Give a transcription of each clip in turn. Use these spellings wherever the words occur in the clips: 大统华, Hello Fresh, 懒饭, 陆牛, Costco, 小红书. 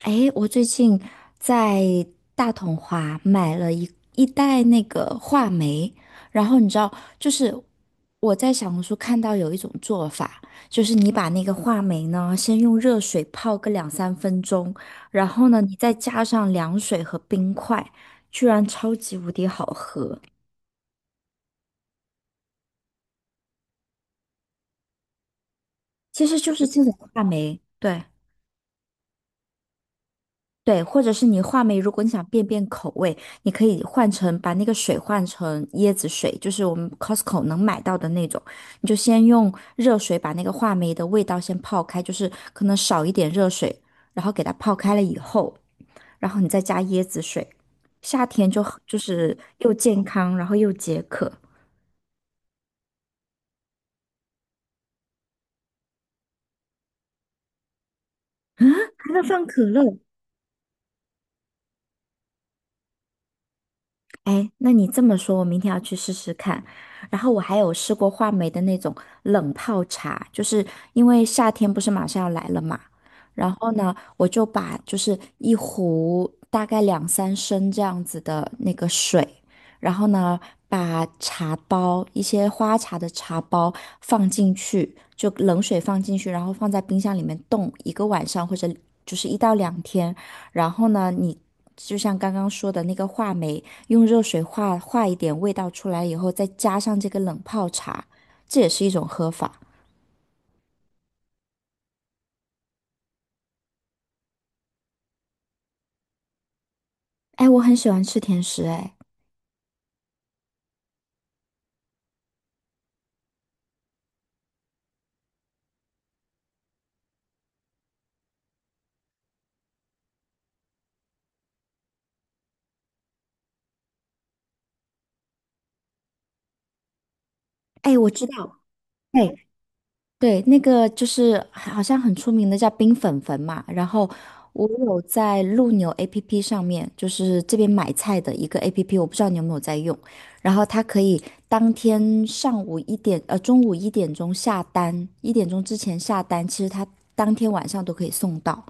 诶，我最近在大统华买了一袋那个话梅，然后你知道，就是我在小红书看到有一种做法，就是你把那个话梅呢，先用热水泡个两三分钟，然后呢，你再加上凉水和冰块，居然超级无敌好喝。其实就是这种话梅，对。对，或者是你话梅，如果你想变口味，你可以换成把那个水换成椰子水，就是我们 Costco 能买到的那种。你就先用热水把那个话梅的味道先泡开，就是可能少一点热水，然后给它泡开了以后，然后你再加椰子水，夏天就很就是又健康，然后又解渴，还能放可乐。哎，那你这么说，我明天要去试试看。然后我还有试过话梅的那种冷泡茶，就是因为夏天不是马上要来了嘛，然后呢，我就把就是一壶大概两三升这样子的那个水，然后呢，把茶包，一些花茶的茶包放进去，就冷水放进去，然后放在冰箱里面冻一个晚上或者就是一到两天，然后呢，你就像刚刚说的那个话梅。用热水化化一点味道出来以后，再加上这个冷泡茶，这也是一种喝法。哎，我很喜欢吃甜食，哎，哎，我知道，哎，对，那个就是好像很出名的叫冰粉粉嘛，然后我有在陆牛 APP 上面，就是这边买菜的一个 APP,我不知道你有没有在用，然后它可以当天上午一点，中午一点钟下单，一点钟之前下单，其实它当天晚上都可以送到，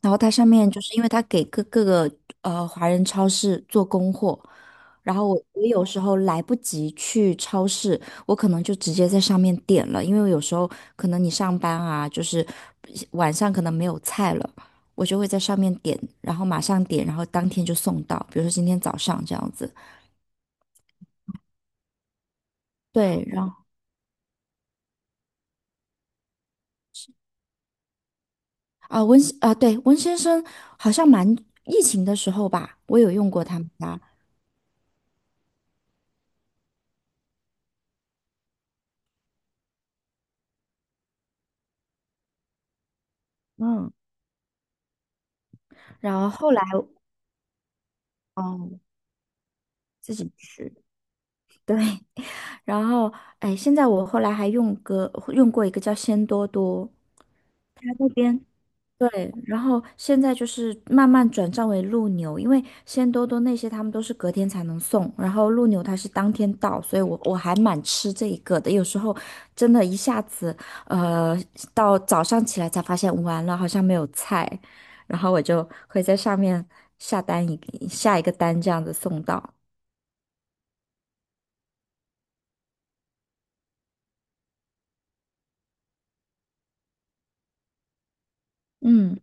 然后它上面就是因为它给各个华人超市做供货，然后我有时候来不及去超市。我可能就直接在上面点了，因为有时候可能你上班啊，就是晚上可能没有菜了，我就会在上面点，然后马上点，然后当天就送到，比如说今天早上这样子。对，然后啊温啊对温先生好像蛮疫情的时候吧，我有用过他们家，嗯，然后后来哦自己吃，对，然后哎现在我后来还用用过一个叫鲜多多。他那边对，然后现在就是慢慢转账为陆牛，因为鲜多多那些他们都是隔天才能送，然后陆牛它是当天到，所以我还蛮吃这一个的。有时候真的一下子，呃，到早上起来才发现完了，好像没有菜，然后我就会在上面下单一个下一个单这样子送到。嗯，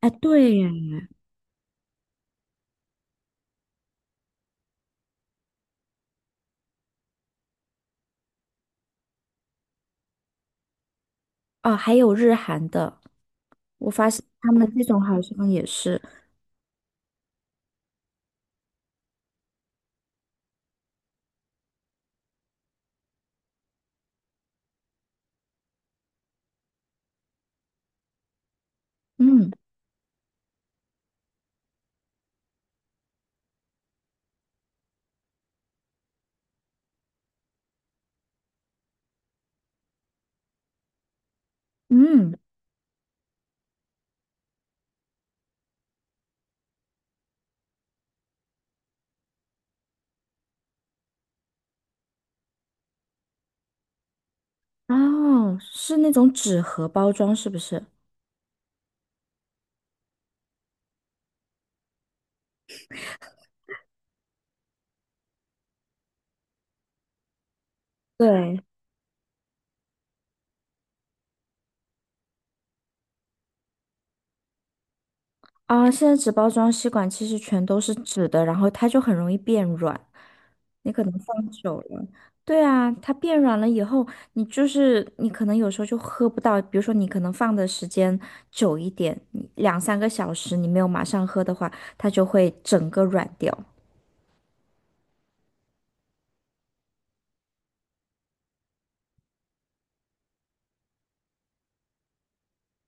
哎，对耶，哦，还有日韩的，我发现他们这种好像也是，嗯嗯。哦，是那种纸盒包装，是不是？对，啊，现在纸包装吸管其实全都是纸的，然后它就很容易变软，你可能放久了。对啊，它变软了以后，你就是你可能有时候就喝不到，比如说你可能放的时间久一点，你两三个小时你没有马上喝的话，它就会整个软掉。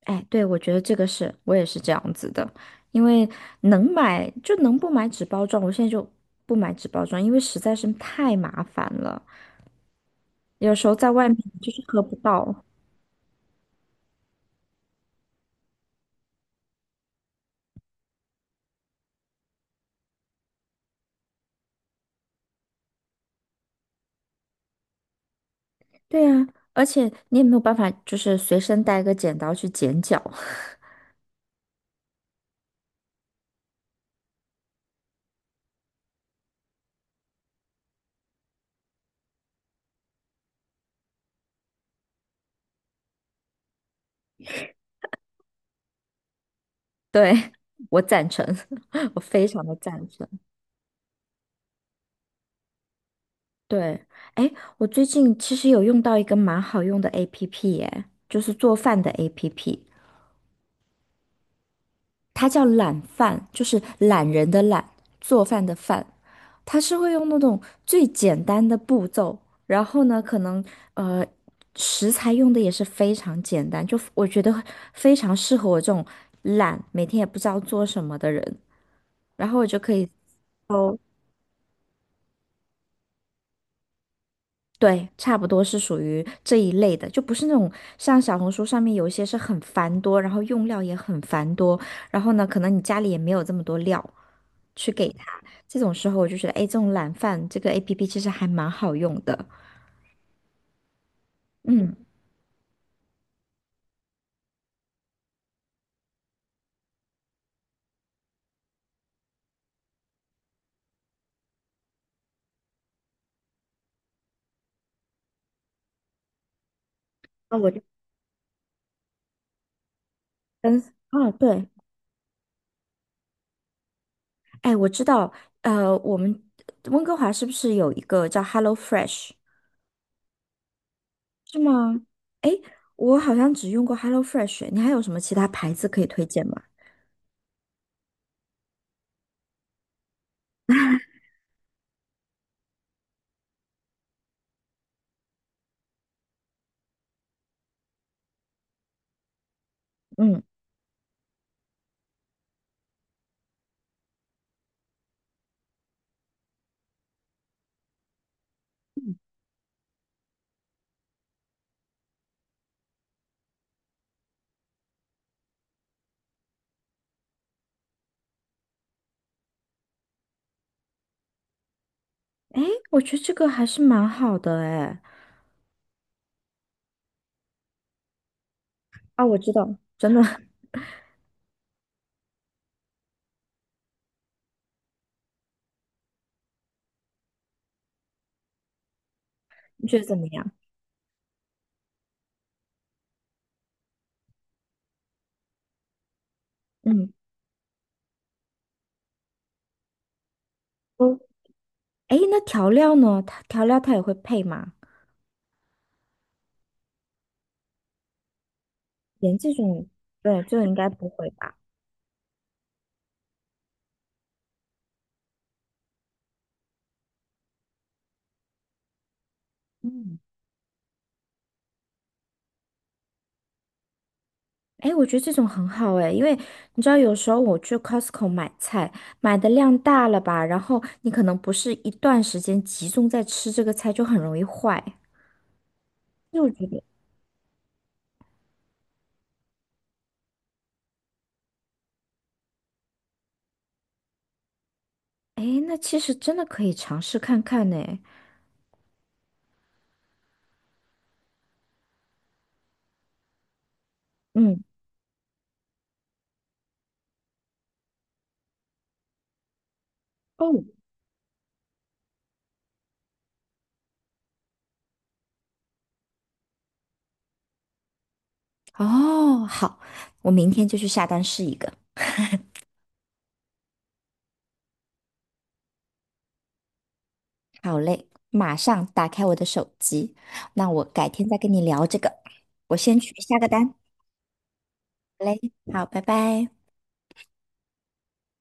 哎，对，我觉得这个是我也是这样子的，因为能买就能不买纸包装，我现在就不买纸包装，因为实在是太麻烦了，有时候在外面就是喝不到。对呀，而且你也没有办法，就是随身带个剪刀去剪脚。对，我赞成，我非常的赞成。对，哎，我最近其实有用到一个蛮好用的 APP,哎，就是做饭的 APP。它叫懒饭，就是懒人的懒，做饭的饭。它是会用那种最简单的步骤，然后呢，可能呃食材用的也是非常简单，就我觉得非常适合我这种懒，每天也不知道做什么的人。然后我就可以哦，对，差不多是属于这一类的，就不是那种像小红书上面有一些是很繁多，然后用料也很繁多，然后呢，可能你家里也没有这么多料，去给他。这种时候我就觉得，哎，这种懒饭这个 APP 其实还蛮好用的。嗯，那我就跟啊，对，哎，我知道，我们温哥华是不是有一个叫 Hello Fresh?是吗？哎，我好像只用过 Hello Fresh,你还有什么其他牌子可以推荐吗？嗯，哎，我觉得这个还是蛮好的，哎。啊，我知道，真的，你觉得怎么样？嗯，哦，哎，那调料呢？它调料它也会配吗？连这种，对，这种应该不会吧？嗯，哎，我觉得这种很好哎，因为你知道，有时候我去 Costco 买菜，买的量大了吧，然后你可能不是一段时间集中在吃这个菜，就很容易坏。所以我觉得，哎，那其实真的可以尝试看看呢。嗯，哦，哦，好，我明天就去下单试一个。好嘞，马上打开我的手机，那我改天再跟你聊这个。我先去下个单。好嘞，好，拜拜。